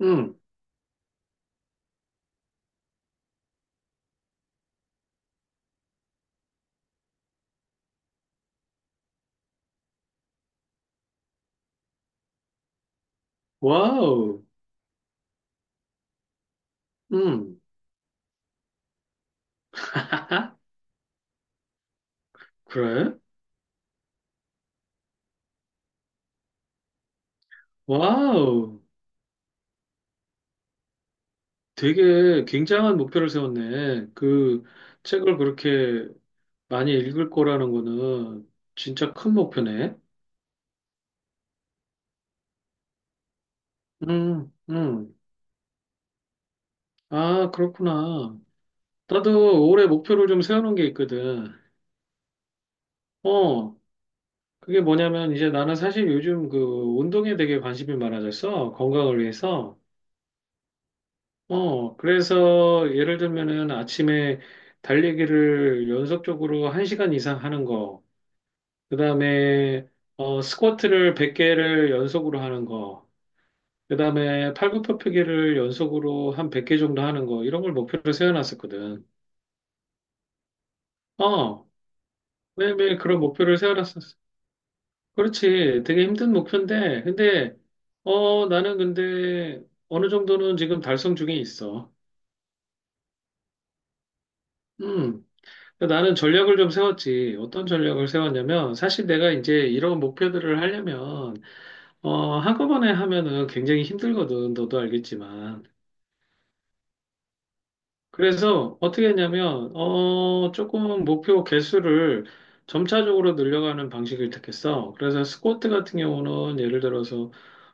응, 와우. 응, 그래? 와우. 되게 굉장한 목표를 세웠네. 그 책을 그렇게 많이 읽을 거라는 거는 진짜 큰 목표네. 응, 응. 아, 그렇구나. 나도 올해 목표를 좀 세워놓은 게 있거든. 어, 그게 뭐냐면 이제 나는 사실 요즘 그 운동에 되게 관심이 많아졌어. 건강을 위해서. 그래서 예를 들면은 아침에 달리기를 연속적으로 1시간 이상 하는 거, 그 다음에 스쿼트를 100개를 연속으로 하는 거, 그 다음에 팔굽혀펴기를 연속으로 한 100개 정도 하는 거, 이런 걸 목표로 세워놨었거든. 어, 매일매일 그런 목표를 세워놨었어. 그렇지. 되게 힘든 목표인데, 근데, 나는 근데 어느 정도는 지금 달성 중에 있어. 음. 그러니까 나는 전략을 좀 세웠지. 어떤 전략을 세웠냐면, 사실 내가 이제 이런 목표들을 하려면, 한꺼번에 하면은 굉장히 힘들거든. 너도 알겠지만. 그래서 어떻게 했냐면, 조금 목표 개수를 점차적으로 늘려가는 방식을 택했어. 그래서 스쿼트 같은 경우는 예를 들어서,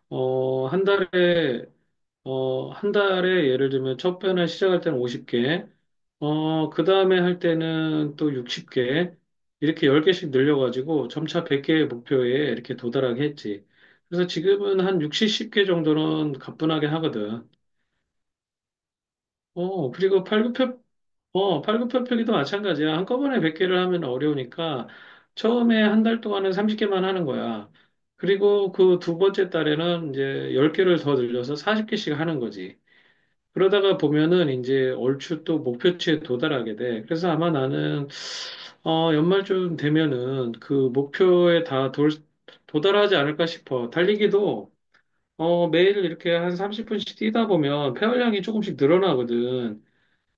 어, 한 달에 한 달에 예를 들면 첫 편을 시작할 때는 50개, 그 다음에 할 때는 또 60개, 이렇게 10개씩 늘려가지고 점차 100개의 목표에 이렇게 도달하게 했지. 그래서 지금은 한 60, 1 0개 정도는 가뿐하게 하거든. 그리고 팔굽혀펴기도 마찬가지야. 한꺼번에 100개를 하면 어려우니까 처음에 한 달 동안은 30개만 하는 거야. 그리고 그 두 번째 달에는 이제 10개를 더 늘려서 40개씩 하는 거지. 그러다가 보면은 이제 얼추 또 목표치에 도달하게 돼. 그래서 아마 나는 연말쯤 되면은 그 목표에 다 도달하지 않을까 싶어. 달리기도 매일 이렇게 한 30분씩 뛰다 보면 폐활량이 조금씩 늘어나거든.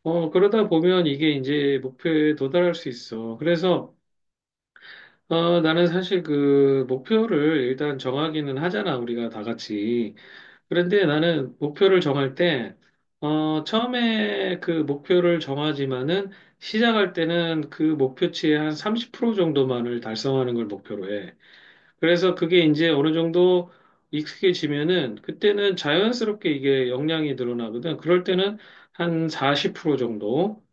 그러다 보면 이게 이제 목표에 도달할 수 있어. 그래서 나는 사실 그 목표를 일단 정하기는 하잖아. 우리가 다 같이. 그런데 나는 목표를 정할 때, 처음에 그 목표를 정하지만은 시작할 때는 그 목표치의 한 30% 정도만을 달성하는 걸 목표로 해. 그래서 그게 이제 어느 정도 익숙해지면은 그때는 자연스럽게 이게 역량이 늘어나거든. 그럴 때는 한 40% 정도.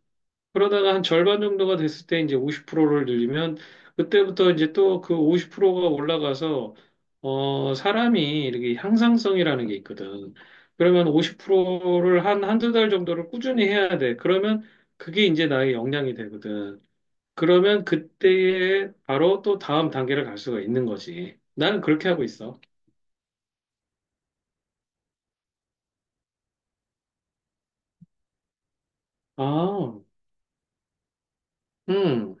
그러다가 한 절반 정도가 됐을 때 이제 50%를 늘리면 그때부터 이제 또 그 50%가 올라가서 사람이 이렇게 향상성이라는 게 있거든. 그러면 50%를 한 한두 달 정도를 꾸준히 해야 돼. 그러면 그게 이제 나의 역량이 되거든. 그러면 그때에 바로 또 다음 단계를 갈 수가 있는 거지. 나는 그렇게 하고 있어. 아, 음,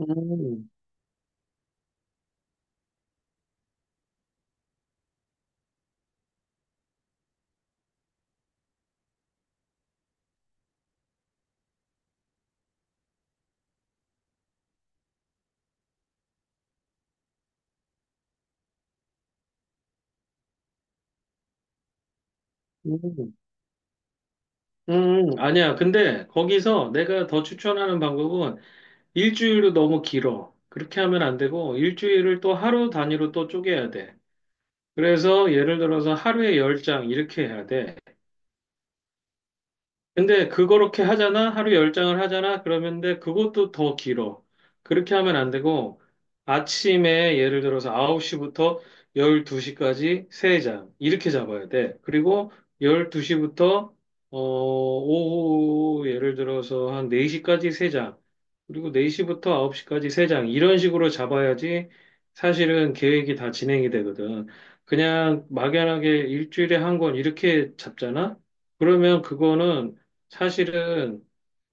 음, 음, 아니야. 근데 거기서 내가 더 추천하는 방법은 일주일도 너무 길어. 그렇게 하면 안 되고, 일주일을 또 하루 단위로 또 쪼개야 돼. 그래서 예를 들어서 하루에 10장 이렇게 해야 돼. 근데 그렇게 하잖아? 하루에 10장을 하잖아? 그러면데 그것도 더 길어. 그렇게 하면 안 되고 아침에 예를 들어서 9시부터 12시까지 3장 이렇게 잡아야 돼. 그리고 12시부터 오후 예를 들어서 한 4시까지 3장 그리고 4시부터 9시까지 3장 이런 식으로 잡아야지 사실은 계획이 다 진행이 되거든. 그냥 막연하게 일주일에 한 권 이렇게 잡잖아? 그러면 그거는 사실은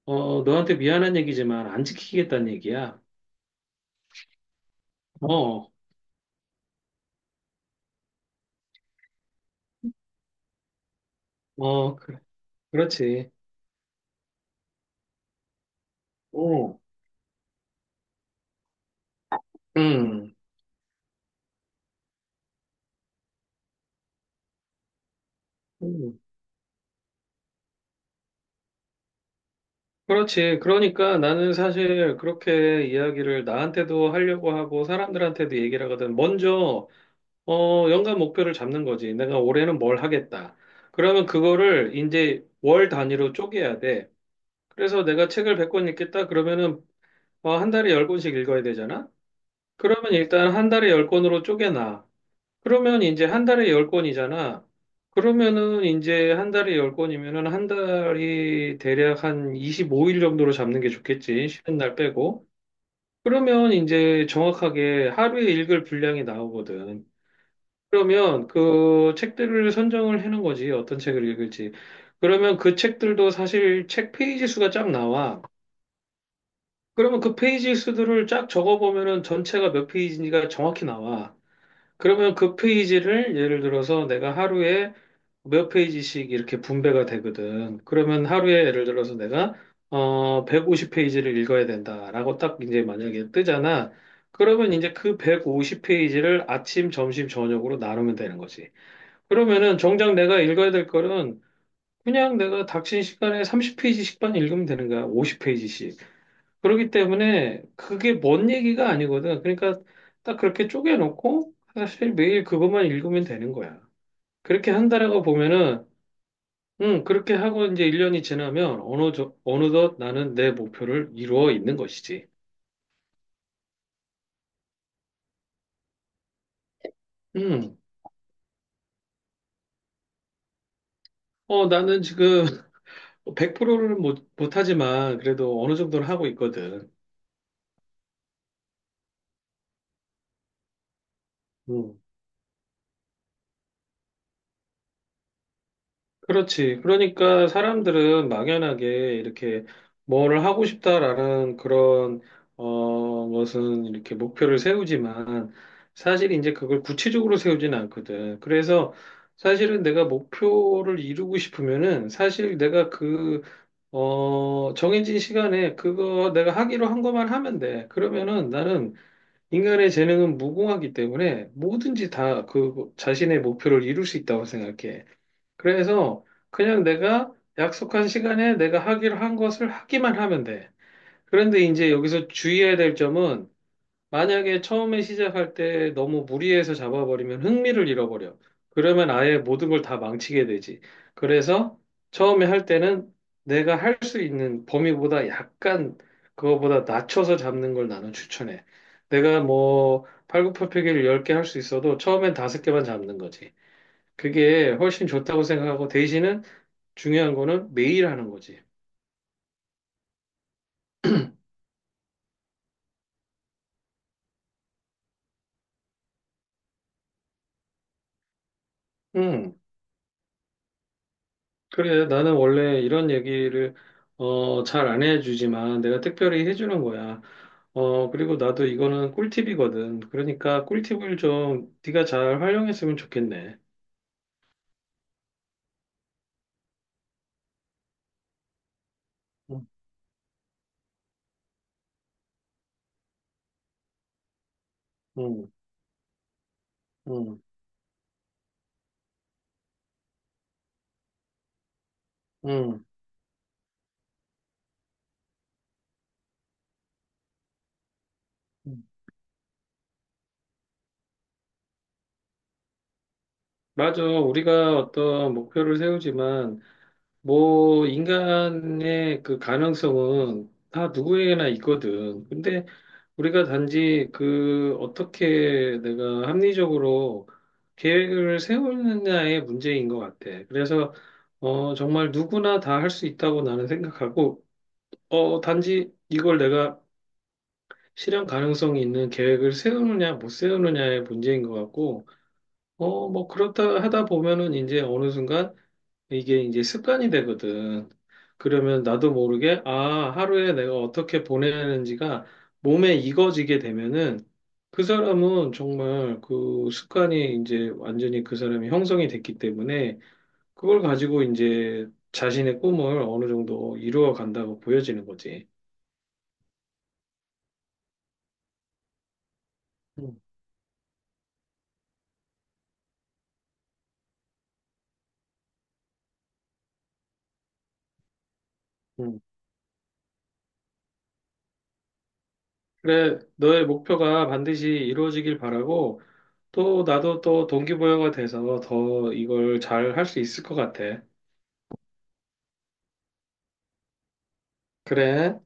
너한테 미안한 얘기지만 안 지키겠다는 얘기야. 어, 어, 그렇지. 어, 음, 음, 그렇지. 그러니까 나는 사실 그렇게 이야기를 나한테도 하려고 하고 사람들한테도 얘기를 하거든. 먼저 연간 목표를 잡는 거지. 내가 올해는 뭘 하겠다. 그러면 그거를 이제 월 단위로 쪼개야 돼. 그래서 내가 책을 100권 읽겠다. 그러면은 한 달에 10권씩 읽어야 되잖아. 그러면 일단 한 달에 10권으로 쪼개놔. 그러면 이제 한 달에 10건이잖아 그러면은 이제 한 달에 열건이면은한 달이 대략 한 25일 정도로 잡는 게 좋겠지. 쉬는 날 빼고. 그러면 이제 정확하게 하루에 읽을 분량이 나오거든. 그러면 그 책들을 선정을 해놓은 거지. 어떤 책을 읽을지. 그러면 그 책들도 사실 책 페이지 수가 쫙 나와. 그러면 그 페이지 수들을 쫙 적어보면은 전체가 몇 페이지인지가 정확히 나와. 그러면 그 페이지를 예를 들어서 내가 하루에 몇 페이지씩 이렇게 분배가 되거든. 그러면 하루에 예를 들어서 내가 150페이지를 읽어야 된다라고 딱 이제 만약에 뜨잖아. 그러면 이제 그 150페이지를 아침, 점심, 저녁으로 나누면 되는 거지. 그러면은 정작 내가 읽어야 될 거는 그냥 내가 닥친 시간에 30페이지씩만 읽으면 되는 거야. 50페이지씩. 그렇기 때문에 그게 먼 얘기가 아니거든. 그러니까 딱 그렇게 쪼개놓고 사실 매일 그것만 읽으면 되는 거야. 그렇게 한다라고 보면은, 그렇게 하고 이제 1년이 지나면 어느덧 나는 내 목표를 이루어 있는 것이지. 음 나는 지금 100%는 못, 못하지만 그래도 어느 정도는 하고 있거든. 음. 그렇지. 그러니까 사람들은 막연하게 이렇게 뭐를 하고 싶다라는 그런, 무슨 이렇게 목표를 세우지만 사실 이제 그걸 구체적으로 세우지는 않거든. 그래서 사실은 내가 목표를 이루고 싶으면은 사실 내가 정해진 시간에 그거 내가 하기로 한 것만 하면 돼. 그러면은 나는 인간의 재능은 무궁하기 때문에 뭐든지 다 그 자신의 목표를 이룰 수 있다고 생각해. 그래서 그냥 내가 약속한 시간에 내가 하기로 한 것을 하기만 하면 돼. 그런데 이제 여기서 주의해야 될 점은 만약에 처음에 시작할 때 너무 무리해서 잡아버리면 흥미를 잃어버려. 그러면 아예 모든 걸 다 망치게 되지. 그래서 처음에 할 때는 내가 할 수 있는 범위보다 약간 그거보다 낮춰서 잡는 걸 나는 추천해. 내가 뭐 팔굽혀펴기를 10개 할 수 있어도 처음엔 5개만 잡는 거지. 그게 훨씬 좋다고 생각하고 대신은 중요한 거는 매일 하는 거지. 음, 그래. 나는 원래 이런 얘기를 잘 안 해주지만 내가 특별히 해주는 거야. 그리고 나도 이거는 꿀팁이거든. 그러니까 꿀팁을 좀 네가 잘 활용했으면 좋겠네. 응 응 응 응 맞아. 우리가 어떤 목표를 세우지만 뭐, 인간의 그 가능성은 다 누구에게나 있거든. 근데 우리가 단지 그 어떻게 내가 합리적으로 계획을 세우느냐의 문제인 것 같아. 그래서, 정말 누구나 다 할 수 있다고 나는 생각하고, 단지 이걸 내가 실현 가능성이 있는 계획을 세우느냐, 못 세우느냐의 문제인 것 같고, 뭐, 그렇다 하다 보면은 이제 어느 순간 이게 이제 습관이 되거든. 그러면 나도 모르게, 아, 하루에 내가 어떻게 보내는지가 몸에 익어지게 되면은 그 사람은 정말 그 습관이 이제 완전히 그 사람이 형성이 됐기 때문에 그걸 가지고 이제 자신의 꿈을 어느 정도 이루어 간다고 보여지는 거지. 음, 음. 그래, 너의 목표가 반드시 이루어지길 바라고 또 나도 또 동기부여가 돼서 더 이걸 잘 할 수 있을 것 같아. 그래.